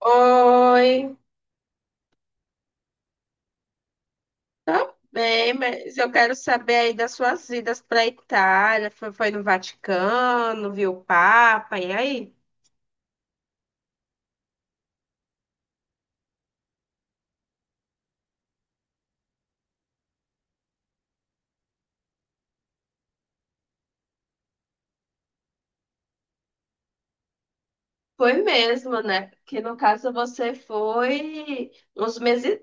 Oi, tá bem, mas eu quero saber aí das suas idas para Itália. Foi no Vaticano, viu o Papa, e aí? Foi mesmo, né? Que no caso você foi uns meses,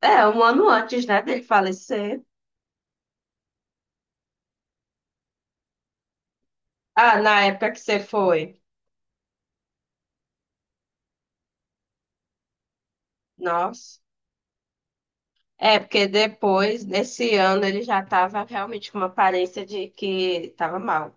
é, um ano antes, né, dele falecer. Ah, na época que você foi. Nossa. É, porque depois, nesse ano, ele já estava realmente com uma aparência de que estava mal.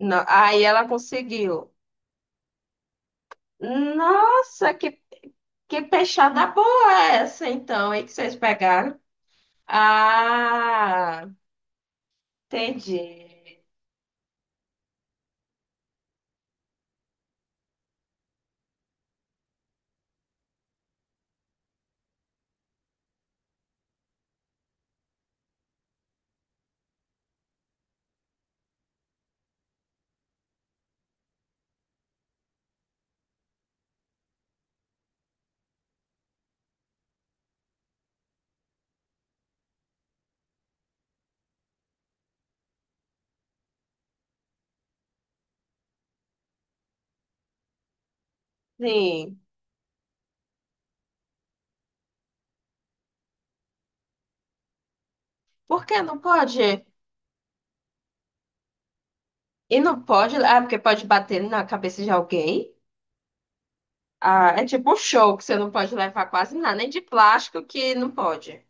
Não, aí ela conseguiu. Nossa, que peixada boa é essa, então, aí que vocês pegaram? Ah, entendi. Sim. Por que não pode? E não pode? Ah, porque pode bater na cabeça de alguém? Ah, é tipo um show que você não pode levar quase nada, nem de plástico que não pode.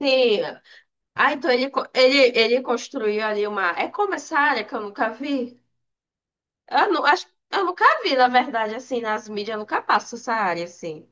Sim. Ah, então ele construiu ali uma. É como essa área que eu nunca vi? Eu, não, acho, eu nunca vi, na verdade, assim, nas mídias, eu nunca passo essa área assim.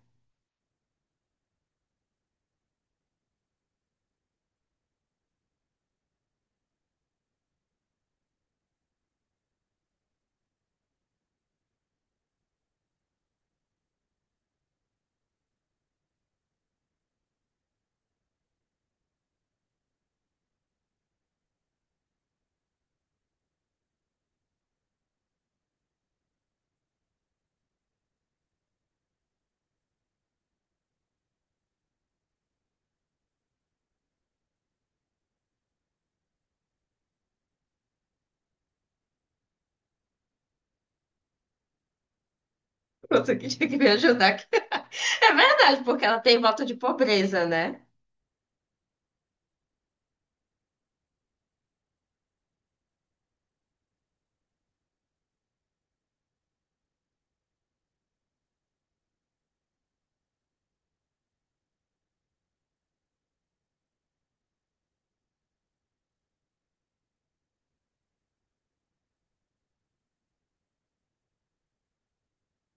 Pronto, que tinha que me ajudar aqui. É verdade, porque ela tem voto de pobreza, né?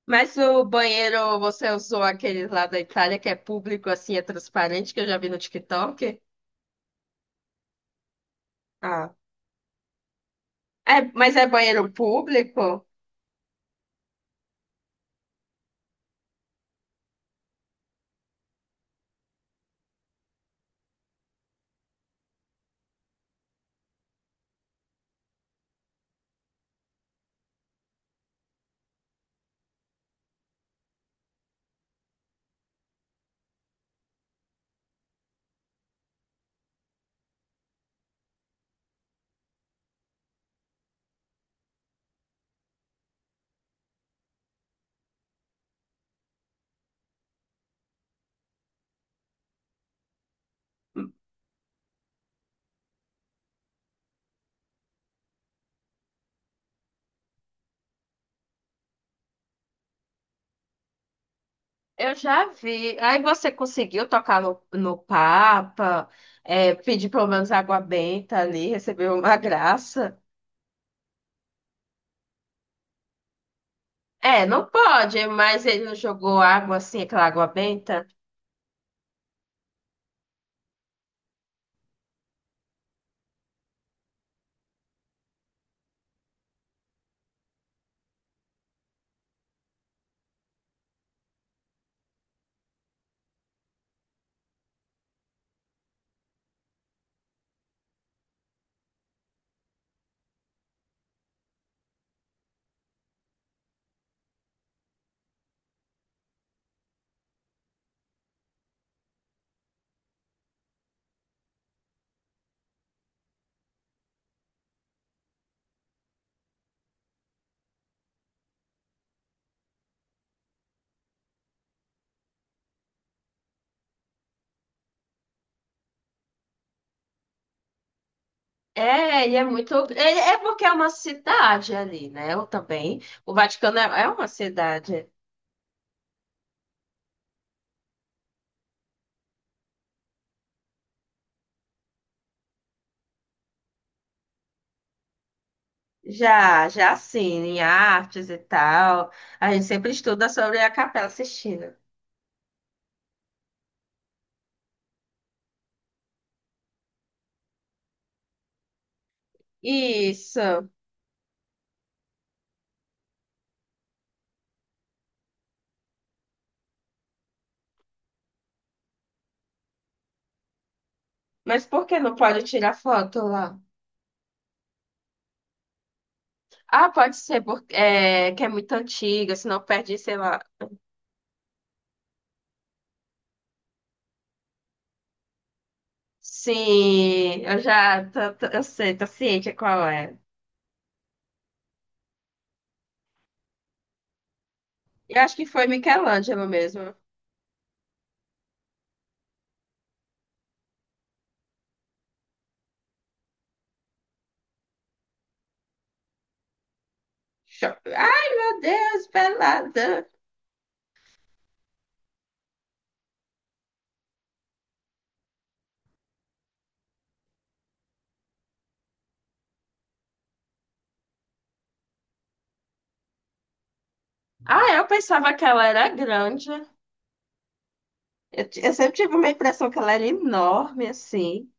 Mas o banheiro, você usou aquele lá da Itália que é público, assim, é transparente, que eu já vi no TikTok? Ah. É, mas é banheiro público? Eu já vi. Aí você conseguiu tocar no Papa, é, pedir pelo menos água benta ali, recebeu uma graça. É, não pode, mas ele não jogou água assim, aquela água benta. É, e é muito. É, é porque é uma cidade ali, né? Eu também. O Vaticano é uma cidade. Já, já assim, em artes e tal. A gente sempre estuda sobre a Capela Sistina. Isso. Mas por que não pode tirar foto lá? Ah, pode ser porque é, que é muito antiga, senão perde, sei lá. Sim, eu sei, tô ciente qual é. Eu acho que foi Michelangelo mesmo. Cho- Ai, meu Deus, pelada. Ah, eu pensava que ela era grande. Eu sempre tive uma impressão que ela era enorme, assim.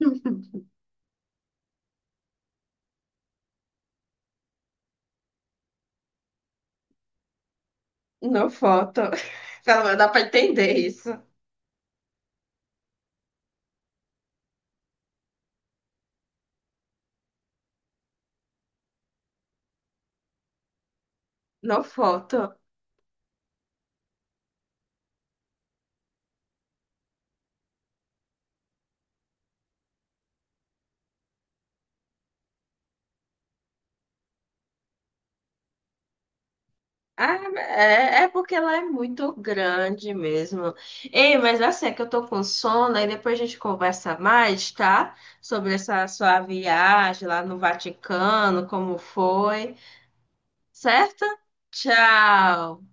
No foto. Pelo menos dá pra entender isso. No foto. Ah, é, é porque ela é muito grande mesmo. Ei, mas assim, é que eu tô com sono, aí depois a gente conversa mais, tá? Sobre essa sua viagem lá no Vaticano, como foi, certo? Tchau!